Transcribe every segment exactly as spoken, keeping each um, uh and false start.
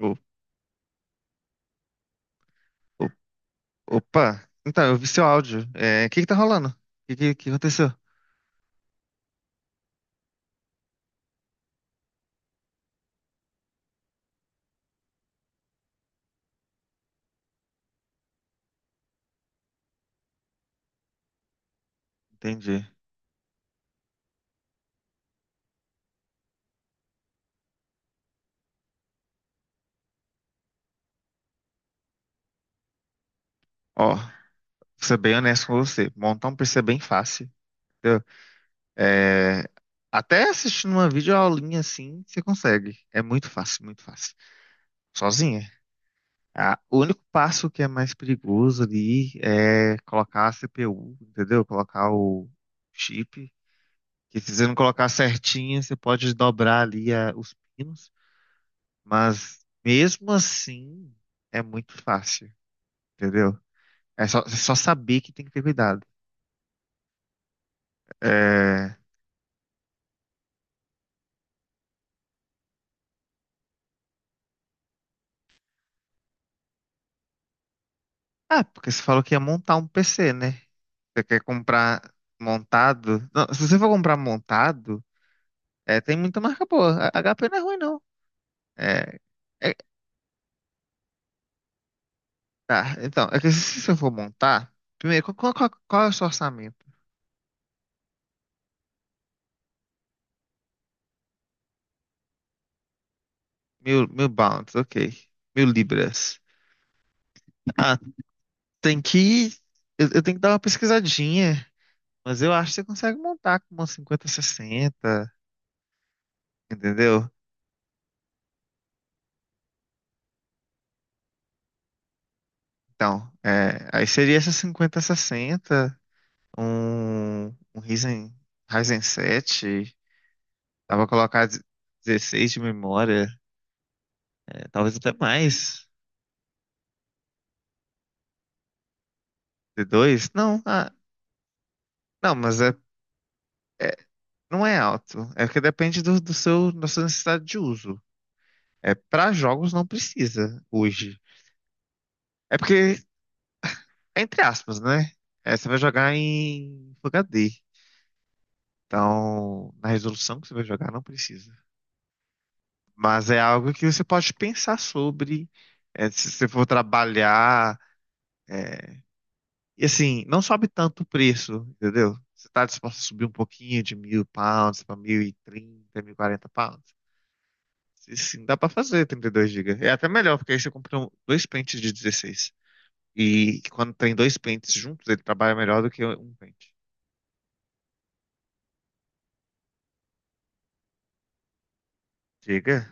O- o- Opa, então, eu vi seu áudio. É, o que que tá rolando? O que, que, que aconteceu? Entendi. Ó, vou ser bem honesto com você. Montar um P C é bem fácil. Entendeu? É, até assistindo uma videoaulinha assim, você consegue. É muito fácil, muito fácil. Sozinha. Ah, o único passo que é mais perigoso ali é colocar a C P U, entendeu? Colocar o chip. Que se você não colocar certinho, você pode dobrar ali a- os pinos. Mas mesmo assim, é muito fácil, entendeu? É só, é só saber que tem que ter cuidado. É... Ah, porque você falou que ia montar um P C, né? Você quer comprar montado? Não, se você for comprar montado, é, tem muita marca boa. A H P não é ruim, não. É, é- tá, então, é que se você for montar, primeiro, qual, qual- qual- qual é o seu orçamento? Mil, mil pounds, ok. Mil libras. Ah, tem que. Eu, eu tenho que dar uma pesquisadinha. Mas eu acho que você consegue montar com uma cinquenta a sessenta, entendeu? Então, é, aí seria essa cinquenta a sessenta, um, um Ryzen, Ryzen sete, dá pra colocar dezesseis de memória, é, talvez até mais, de dois Não, ah, não, mas é, é- não é alto, é porque depende do, do seu, da sua necessidade de uso. É, para jogos não precisa hoje. É porque, entre aspas, né? É, você vai jogar em Full H D. Então, na resolução que você vai jogar, não precisa. Mas é algo que você pode pensar sobre, é, se você for trabalhar. E assim, não sobe tanto o preço, entendeu? Você está disposto a subir um pouquinho de mil pounds para mil e trinta, mil e quarenta pounds? Se sim, dá para fazer trinta e dois gigas. É até melhor, porque aí você compra um- dois pentes de dezesseis. E quando tem dois pentes juntos, ele trabalha melhor do que um pente. Diga?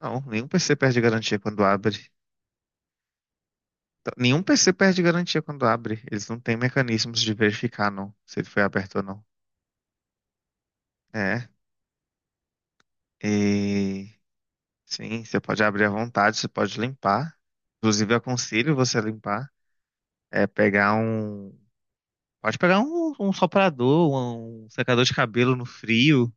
Não, nenhum P C perde garantia quando abre. Então, nenhum P C perde garantia quando abre. Eles não têm mecanismos de verificar, não, se ele foi aberto ou não. É. E sim, você pode abrir à vontade, você pode limpar. Inclusive, eu aconselho você a limpar. É pegar um. Pode pegar um, um soprador, um um secador de cabelo no frio.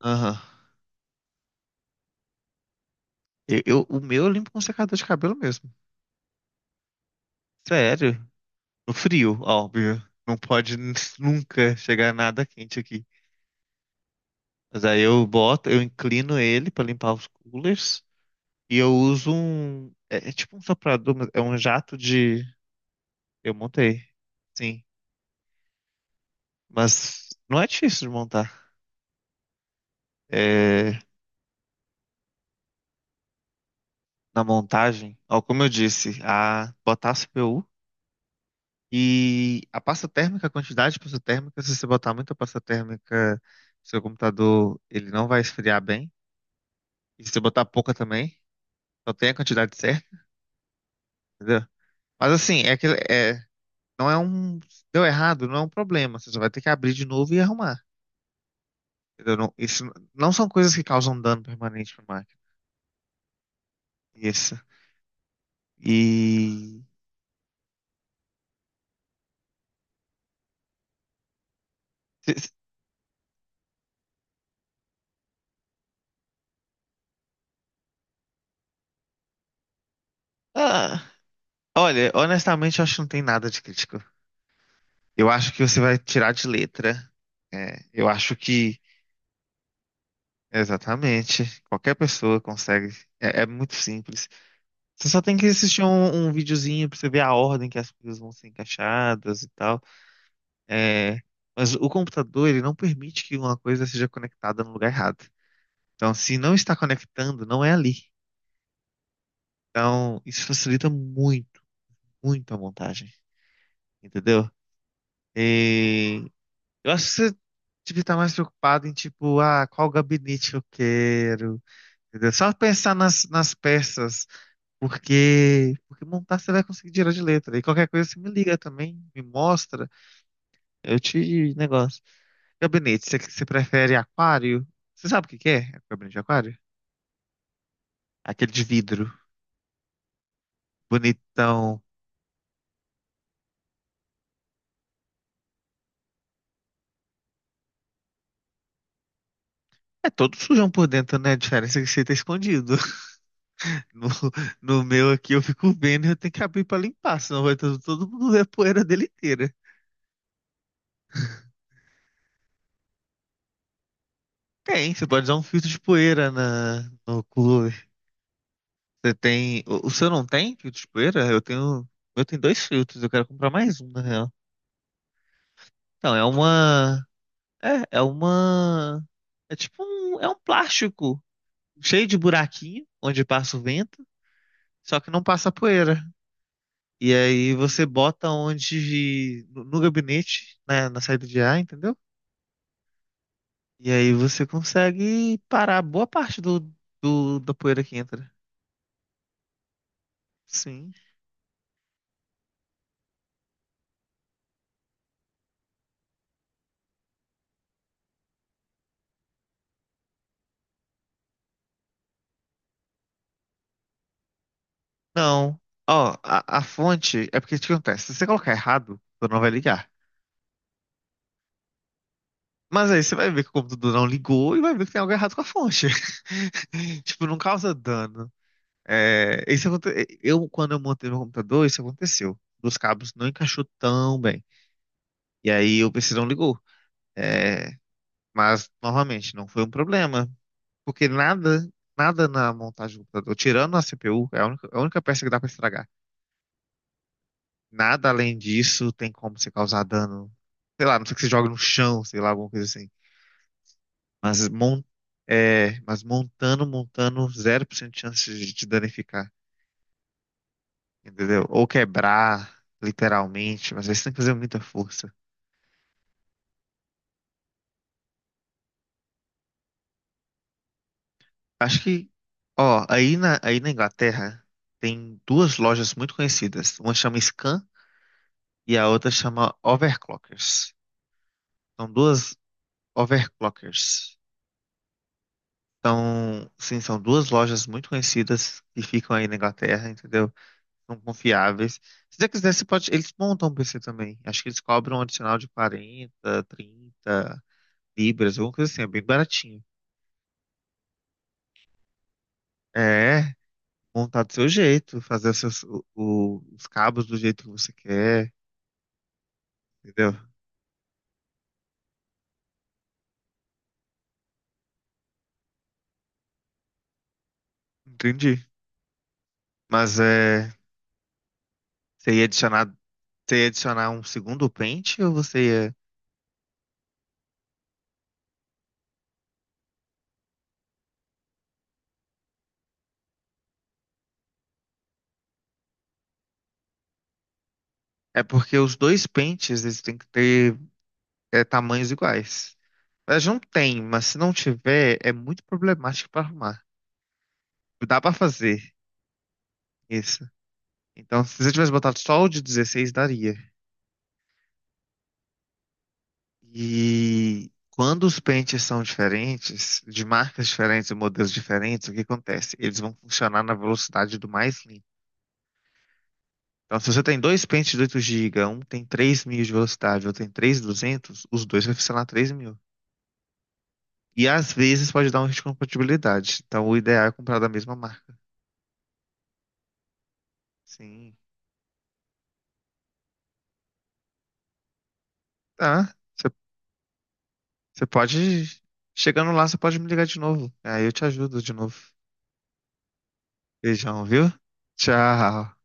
Aham. Eu, eu- o meu eu limpo com secador de cabelo mesmo. Sério. No frio, óbvio. Não pode n- nunca chegar nada quente aqui. Mas aí eu boto, eu inclino ele pra limpar os coolers. E eu uso um. É, é tipo um soprador, mas é um jato de. Eu montei, sim. Mas não é difícil de montar. É, na montagem, ó, como eu disse, a botar a C P U e a pasta térmica, a quantidade de pasta térmica, se você botar muita pasta térmica, seu computador ele não vai esfriar bem. E se você botar pouca também, só tem a quantidade certa, entendeu? Mas assim, é que é, não é um. Deu errado, não é um problema. Você só vai ter que abrir de novo e arrumar. Entendeu? Não, isso não são coisas que causam dano permanente pra máquina. Isso. E. Ah, olha, honestamente, eu acho que não tem nada de crítico. Eu acho que você vai tirar de letra. É, eu acho que. Exatamente. Qualquer pessoa consegue. É, é muito simples. Você só tem que assistir um, um videozinho pra você ver a ordem que as coisas vão ser encaixadas e tal. É, mas o computador, ele não permite que uma coisa seja conectada no lugar errado. Então, se não está conectando, não é ali. Então, isso facilita muito, muito a montagem, entendeu? E eu acho que você devia estar mais preocupado em, tipo, ah, qual gabinete eu quero, entendeu? Só pensar nas, nas peças, porque, porque montar você vai conseguir tirar de letra. E qualquer coisa você me liga também, me mostra, eu te negócio. Gabinete, você, você prefere aquário? Você sabe o que que é gabinete de aquário? Aquele de vidro, bonitão. É todo sujão por dentro, né? A diferença é que você tá escondido. No, no meu aqui eu fico vendo e eu tenho que abrir pra limpar, senão vai todo, todo mundo ver a poeira dele inteira. Tem, você pode usar um filtro de poeira na, no cooler. Você tem. O, o seu não tem filtro de poeira? Eu tenho. Eu tenho dois filtros, eu quero comprar mais um, na real. Então, é uma. É, é uma. É tipo um. É um plástico cheio de buraquinho, onde passa o vento, só que não passa a poeira. E aí você bota onde. No, no gabinete, né, na saída de ar, entendeu? E aí você consegue parar boa parte do, do- da poeira que entra. Sim. Não. Ó, a, a fonte é porque o que acontece? Se você colocar errado, o computador não vai ligar. Mas aí você vai ver que o computador não ligou e vai ver que tem algo errado com a fonte. Tipo, não causa dano. É, isso aconte... Eu, quando eu montei meu computador, isso aconteceu. Os cabos não encaixou tão bem. E aí o P C não ligou. É, mas, novamente, não foi um problema. Porque nada, nada na montagem do computador, tirando a C P U, é a única, a única peça que dá pra estragar. Nada além disso tem como você causar dano. Sei lá, não sei que você joga no chão, sei lá, alguma coisa assim. Mas, mon, é, mas montando, montando, zero por cento de chance de te danificar, entendeu? Ou quebrar, literalmente, mas aí você tem que fazer muita força. Acho que, ó, aí na, aí na Inglaterra tem duas lojas muito conhecidas. Uma chama Scan e a outra chama Overclockers. São duas Overclockers. Então, sim, são duas lojas muito conhecidas que ficam aí na Inglaterra, entendeu? São confiáveis. Se você quiser, você pode... eles montam um P C também. Acho que eles cobram um adicional de quarenta, trinta libras, alguma coisa assim, é bem baratinho. É, montar do seu jeito, fazer os, seus- o- o- os cabos do jeito que você quer, entendeu? Entendi. Mas é, você ia adicionar, você ia adicionar um segundo pente ou você ia... É porque os dois pentes, eles têm que ter é, tamanhos iguais. Mas não tem, mas se não tiver, é muito problemático pra arrumar. Dá pra fazer isso. Então, se você tivesse botado só o de dezesseis, daria. E quando os pentes são diferentes, de marcas diferentes e modelos diferentes, o que acontece? Eles vão funcionar na velocidade do mais limpo. Então, se você tem dois pentes de oito g b, um tem três mil de velocidade, outro tem três mil e duzentos, os dois vai funcionar três mil. E às vezes pode dar um risco de compatibilidade. Então, o ideal é comprar da mesma marca. Sim. Tá. Você você pode. Chegando lá, você pode me ligar de novo. Aí eu te ajudo de novo. Beijão, viu? Tchau.